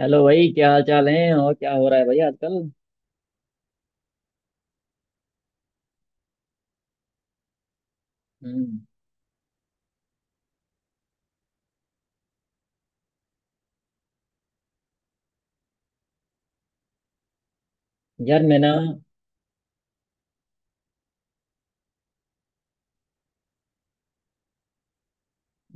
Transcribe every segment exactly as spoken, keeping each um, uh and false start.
Hello भाई, क्या हाल चाल है? और क्या हो रहा है भाई आजकल? हम्म। यार मैं ना,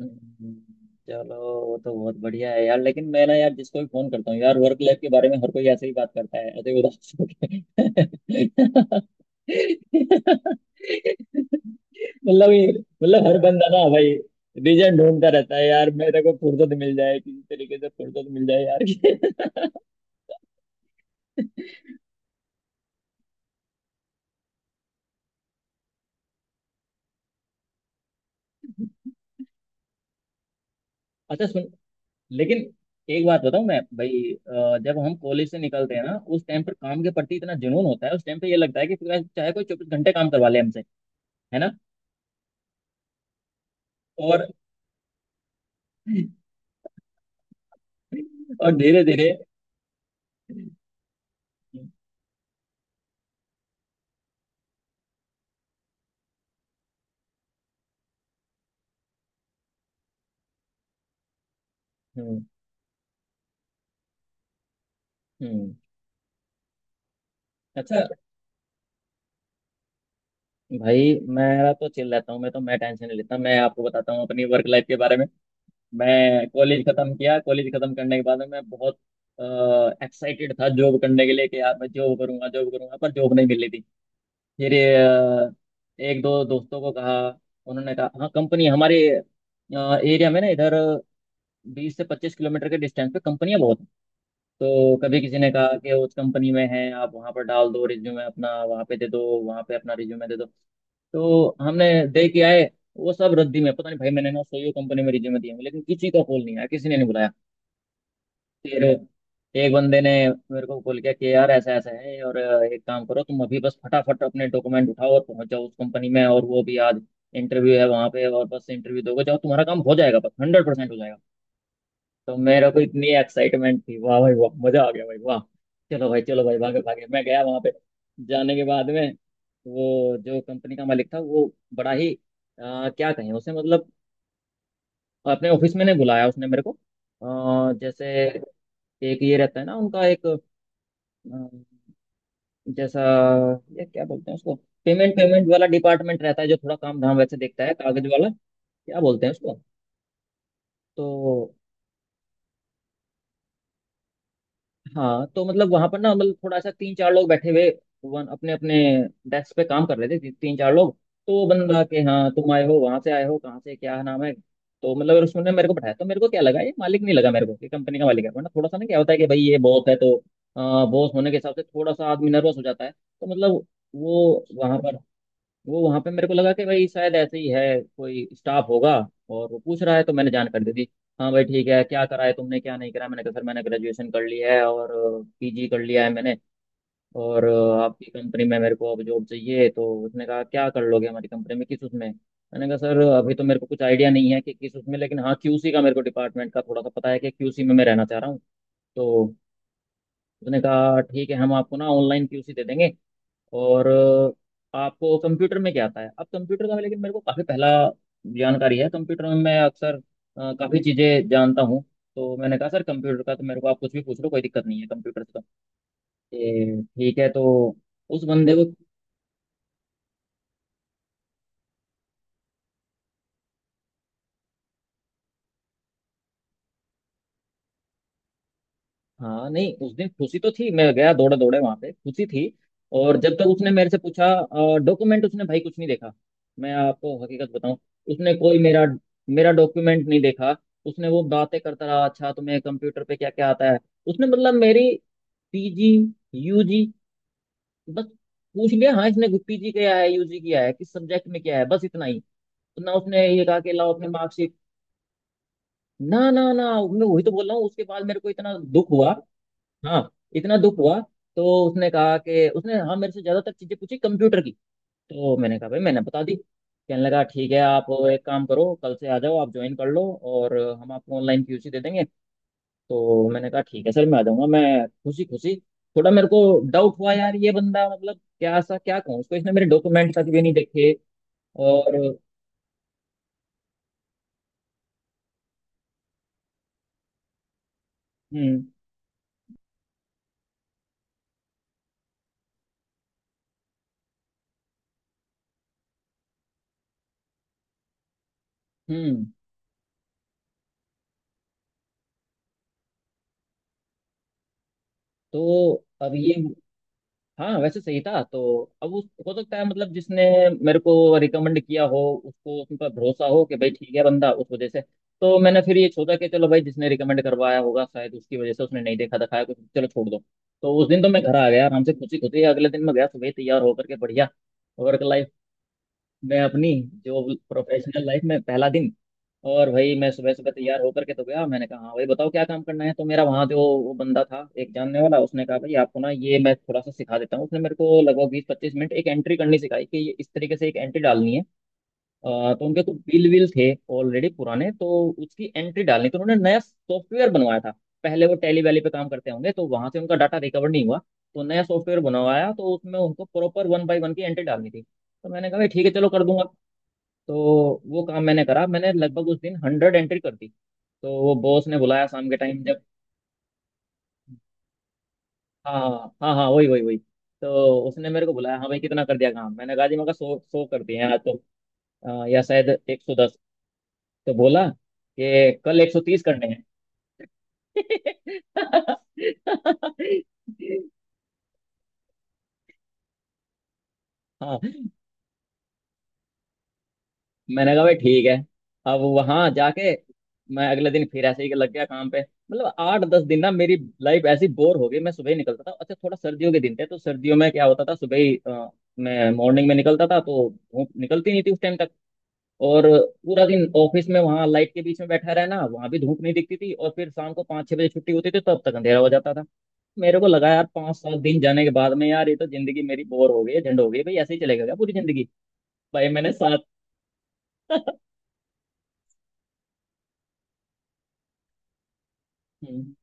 हम्म, चलो। वो तो बहुत बढ़िया है यार, लेकिन मैं ना, यार जिसको भी फोन करता हूँ यार, वर्क लाइफ के बारे में हर कोई ऐसे ही बात करता है, ऐसे ही उदास होके। मतलब ये, मतलब हर बंदा ना भाई, रीजन ढूंढता रहता है यार, मेरे को फुर्सत मिल जाए, किसी तरीके से फुर्सत मिल जाए यार। अच्छा सुन, लेकिन एक बात बताऊं मैं भाई, अ, जब हम कॉलेज से निकलते हैं ना, उस टाइम पर काम के प्रति इतना जुनून होता है, उस टाइम पे ये लगता है कि पूरा चाहे कोई चौबीस घंटे काम करवा ले हमसे, है ना? और और धीरे धीरे। हम्म। हम्म। अच्छा भाई, मेरा तो चिल रहता हूँ, मैं तो मैं टेंशन नहीं लेता। मैं आपको बताता हूँ अपनी वर्क लाइफ के बारे में। मैं कॉलेज खत्म किया, कॉलेज खत्म करने के बाद में मैं बहुत एक्साइटेड था जॉब करने के लिए कि यार मैं जॉब करूंगा, जॉब करूंगा, पर जॉब नहीं मिल रही। फिर अ, एक दो दोस्तों को कहा, उन्होंने कहा हाँ कंपनी हमारे एरिया में ना, इधर बीस से पच्चीस किलोमीटर के डिस्टेंस पे कंपनियां बहुत हैं। तो कभी किसी ने कहा कि उस कंपनी में है, आप वहाँ पर डाल दो रिज्यूमे अपना, वहाँ पे दे दो, वहाँ पे अपना रिज्यूमे दे दो। तो हमने दे के आए। वो सब रद्दी में, पता नहीं भाई, मैंने ना सही कंपनी में रिज्यूमे दिए हैं, लेकिन किसी का कॉल नहीं आया, किसी ने नहीं बुलाया। फिर एक बंदे ने मेरे को बोल किया कि यार ऐसा ऐसा है, और एक काम करो, तुम अभी बस फटाफट अपने डॉक्यूमेंट उठाओ और पहुंच जाओ उस कंपनी में, और वो भी आज इंटरव्यू है वहां पे, और बस इंटरव्यू दोगे, जाओ, तुम्हारा काम हो जाएगा, बस हंड्रेड परसेंट हो जाएगा। तो मेरे को इतनी एक्साइटमेंट थी, वाह भाई वाह, मजा आ गया भाई वाह। चलो भाई चलो भाई, भागे भागे मैं गया वहां पे। जाने के बाद में, वो जो कंपनी का मालिक था, वो बड़ा ही, अ, क्या कहें उसे, मतलब अपने ऑफिस में नहीं बुलाया उसने मेरे को। अ, जैसे एक ये रहता है ना उनका एक, अम, जैसा, ये क्या बोलते हैं उसको, पेमेंट पेमेंट वाला डिपार्टमेंट रहता है जो थोड़ा काम धाम वैसे देखता है, कागज वाला। क्या बोलते हैं उसको? तो हाँ, तो मतलब वहां पर ना, मतलब थोड़ा सा तीन चार लोग बैठे हुए, वन अपने अपने डेस्क पे काम कर रहे थे, ती- तीन चार लोग। तो वो बंदा के, हाँ तुम आए हो, वहां से आए हो, कहाँ से, क्या नाम है, तो मतलब उसने मेरे को बताया। तो मेरे को क्या लगा, ये मालिक नहीं लगा मेरे को कि कंपनी का मालिक है, वरना थोड़ा सा ना क्या होता है कि भाई ये बॉस है तो बॉस होने के हिसाब से थोड़ा सा आदमी नर्वस हो जाता है। तो मतलब वो वहां पर वो वहां पे मेरे को लगा कि भाई शायद ऐसे ही है, कोई स्टाफ होगा, और वो पूछ रहा है, तो मैंने जानकारी दे दी। हाँ भाई, ठीक है क्या करा है तुमने, क्या नहीं करा, मैंने कहा सर मैंने ग्रेजुएशन कर लिया है और पीजी कर लिया है मैंने, और अ, आपकी कंपनी में मेरे को अब जॉब चाहिए। तो उसने कहा क्या कर लोगे हमारी कंपनी में, किस उसमें? मैंने कहा सर अभी तो मेरे को कुछ आइडिया नहीं है कि किस उसमें, लेकिन हाँ क्यूसी का, मेरे को डिपार्टमेंट का थोड़ा सा पता है कि क्यूसी में मैं रहना चाह रहा हूँ। तो उसने कहा ठीक है, हम आपको ना ऑनलाइन क्यूसी दे देंगे, और अ, आपको कंप्यूटर में क्या आता है? अब कंप्यूटर का लेकिन मेरे को काफ़ी पहला जानकारी है, कंप्यूटर में मैं अक्सर अ, काफ़ी चीज़ें जानता हूँ। तो मैंने कहा सर कंप्यूटर का तो मेरे को आप कुछ भी पूछ लो, कोई दिक्कत नहीं है कंप्यूटर से। तो ये ठीक है तो, उस बंदे को, हाँ नहीं उस दिन खुशी तो थी, मैं गया दौड़े दौड़े वहां पे, खुशी थी। और जब तक उसने मेरे से पूछा डॉक्यूमेंट, उसने भाई कुछ नहीं देखा। मैं आपको हकीकत बताऊं, उसने कोई मेरा मेरा डॉक्यूमेंट नहीं देखा। उसने वो बातें करता रहा, अच्छा तुम्हें कंप्यूटर पे क्या क्या आता है। उसने मतलब मेरी पीजी, यूजी, बस पूछ लिया, हाँ इसने पीजी किया है, यूजी किया है, किस सब्जेक्ट में किया है, बस इतना ही। तो ना उसने ये कहा कि लाओ अपने मार्कशीट, ना ना ना, मैं वही तो बोल रहा हूँ। उसके बाद मेरे को इतना दुख हुआ, हाँ, इतना दुख हुआ। तो उसने कहा कि, उसने हाँ मेरे से ज्यादातर चीजें पूछी कंप्यूटर की, तो मैंने कहा भाई मैंने बता दी, कहने लगा ठीक है आप एक काम करो कल से आ जाओ, आप ज्वाइन कर लो, और हम आपको ऑनलाइन क्यूसी दे देंगे। तो मैंने कहा ठीक है सर, मैं आ जाऊंगा मैं, खुशी खुशी। थोड़ा मेरे को डाउट हुआ यार, ये बंदा मतलब क्या सा क्या कहूँ उसको, इसने मेरे डॉक्यूमेंट तक भी नहीं देखे। और हम्म। हम्म। तो अब ये, हाँ वैसे सही था, तो अब उस हो सकता है, मतलब जिसने मेरे को रिकमेंड किया हो उसको, उस पर भरोसा हो कि भाई ठीक है बंदा, उस वजह से। तो मैंने फिर ये सोचा कि चलो भाई जिसने रिकमेंड करवाया होगा शायद उसकी वजह से उसने नहीं देखा दिखाया कुछ, चलो छोड़ दो। तो उस दिन तो मैं घर आ गया आराम से, खुशी खुशी। अगले दिन मैं गया सुबह तैयार होकर के, बढ़िया वर्क लाइफ में अपनी, जो प्रोफेशनल लाइफ में पहला दिन। और भाई मैं सुबह सुबह तैयार होकर के तो गया, मैंने कहा हाँ भाई बताओ क्या काम करना है? तो मेरा वहाँ जो वो बंदा था एक जानने वाला, उसने कहा भाई आपको ना ये मैं थोड़ा सा सिखा देता हूँ। उसने मेरे को लगभग बीस पच्चीस मिनट एक एंट्री करनी सिखाई कि ये इस तरीके से एक एंट्री डालनी है। अ, तो उनके तो बिल विल थे ऑलरेडी पुराने, तो उसकी एंट्री डालनी, तो उन्होंने नया सॉफ्टवेयर बनवाया था। पहले वो टैली वैली पे काम करते होंगे, तो वहां से उनका डाटा रिकवर नहीं हुआ। तो नया सॉफ्टवेयर बनवाया, तो उसमें उनको प्रॉपर वन बाई वन की एंट्री डालनी थी। तो मैंने कहा भाई ठीक है, चलो कर दूंगा। तो वो काम मैंने करा, मैंने लगभग उस दिन हंड्रेड एंट्री कर दी। तो वो बॉस ने बुलाया शाम के टाइम, जब हाँ हाँ हाँ, वही वही वही। तो उसने मेरे को बुलाया, हाँ भाई कितना कर दिया काम? मैंने कहा जी, मैं कहा सौ सौ कर दिए हैं आज तो, अ, या शायद एक सौ दस। तो बोला कि कल एक सौ तीस करने हैं। हाँ, मैंने कहा भाई ठीक है। अब वहां जाके, मैं अगले दिन फिर ऐसे ही लग गया काम पे। मतलब आठ दस दिन ना मेरी लाइफ ऐसी बोर हो गई, मैं सुबह ही निकलता था, अच्छा थोड़ा सर्दियों के दिन थे, तो सर्दियों में क्या होता था, सुबह ही अ, मैं मॉर्निंग में निकलता था तो धूप निकलती नहीं थी उस टाइम तक, और पूरा दिन ऑफिस में वहां लाइट के बीच में बैठा रहना, वहां भी धूप नहीं दिखती थी, और फिर शाम को पाँच छह बजे छुट्टी होती थी, तब तक अंधेरा हो जाता था। मेरे को लगा यार, पाँच सात दिन जाने के बाद में, यार ये तो जिंदगी मेरी बोर हो गई है, झंड हो गई है भाई, ऐसे ही चलेगा क्या पूरी जिंदगी? भाई मैंने सात, हम्म।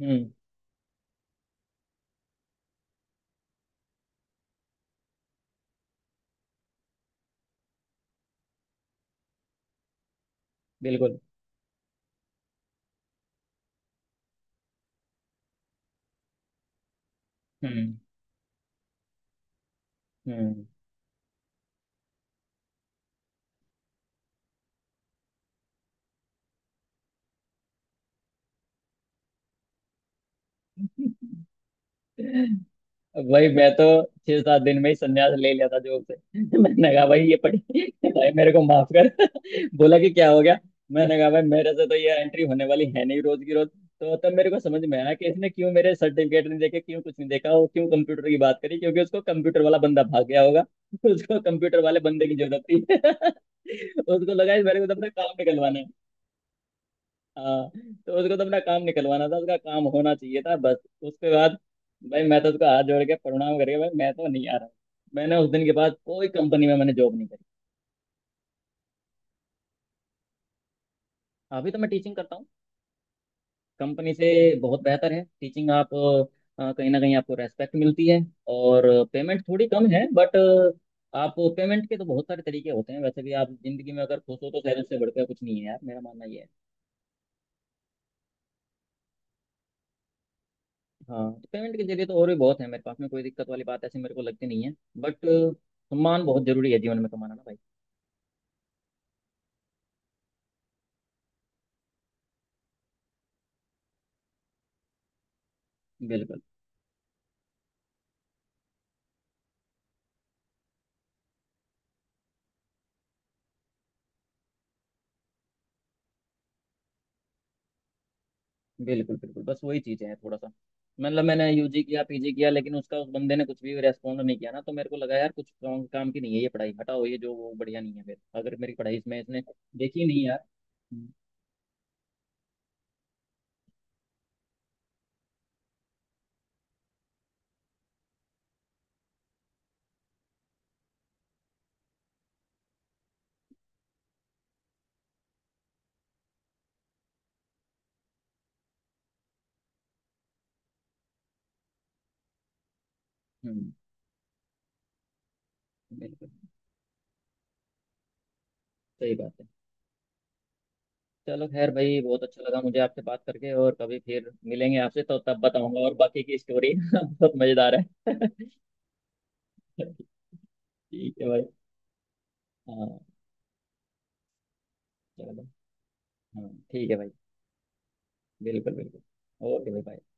हम्म। बिल्कुल। हम्म। हम्म। वही मैं तो छह सात दिन में ही संन्यास ले लिया था जॉब से। मैंने कहा भाई ये पढ़ी, भाई मेरे को माफ कर। बोला कि क्या हो गया? मैंने कहा भाई मेरे से तो ये एंट्री होने वाली है नहीं रोज की रोज। तो तब मेरे को समझ में आया कि इसने क्यों मेरे सर्टिफिकेट नहीं देखे, क्यों कुछ नहीं देखा, और क्यों कंप्यूटर की बात करी, क्योंकि उसको कंप्यूटर वाला बंदा भाग गया होगा। उसको कंप्यूटर वाले बंदे की जरूरत थी। उसको लगा इस मेरे को तो अपना काम निकलवाना, हाँ, तो उसको तो अपना काम निकलवाना था, उसका काम होना चाहिए था बस। उसके बाद भाई मैं तो उसका हाथ जोड़ के प्रणाम करके, भाई मैं तो नहीं आ रहा। मैंने उस दिन के बाद कोई कंपनी में मैंने जॉब नहीं करी। अभी तो मैं टीचिंग करता हूँ, कंपनी से बहुत बेहतर है टीचिंग। आप अ, कहीं ना कहीं आपको रेस्पेक्ट मिलती है, और पेमेंट थोड़ी कम है बट, आप पेमेंट के तो बहुत सारे तरीके होते हैं। वैसे भी आप जिंदगी में अगर खुश हो तो शायद उससे बढ़कर कुछ नहीं है यार, मेरा मानना ये है। हाँ, पेमेंट के जरिए तो और भी बहुत है मेरे पास में, कोई दिक्कत वाली बात ऐसी मेरे को लगती नहीं है, बट सम्मान बहुत जरूरी है जीवन में कमाना ना भाई। बिल्कुल बिल्कुल बिल्कुल, बस वही चीज़ है थोड़ा सा, मतलब मैंने यूजी किया पीजी किया, लेकिन उसका उस बंदे ने कुछ भी रेस्पॉन्ड नहीं किया ना, तो मेरे को लगा यार कुछ काम, काम की नहीं है ये पढ़ाई, हटाओ ये जो वो बढ़िया नहीं है, फिर अगर मेरी पढ़ाई इसमें इसने देखी नहीं यार। हम्म। हम्म, बिल्कुल, सही बात है। चलो खैर भाई, बहुत अच्छा लगा मुझे आपसे बात करके, और कभी फिर मिलेंगे आपसे तो तब बताऊंगा और बाकी की स्टोरी। बहुत मजेदार है। ठीक है भाई। हाँ, चलो, हाँ ठीक है भाई। बिल्कुल बिल्कुल, ओके भाई bye।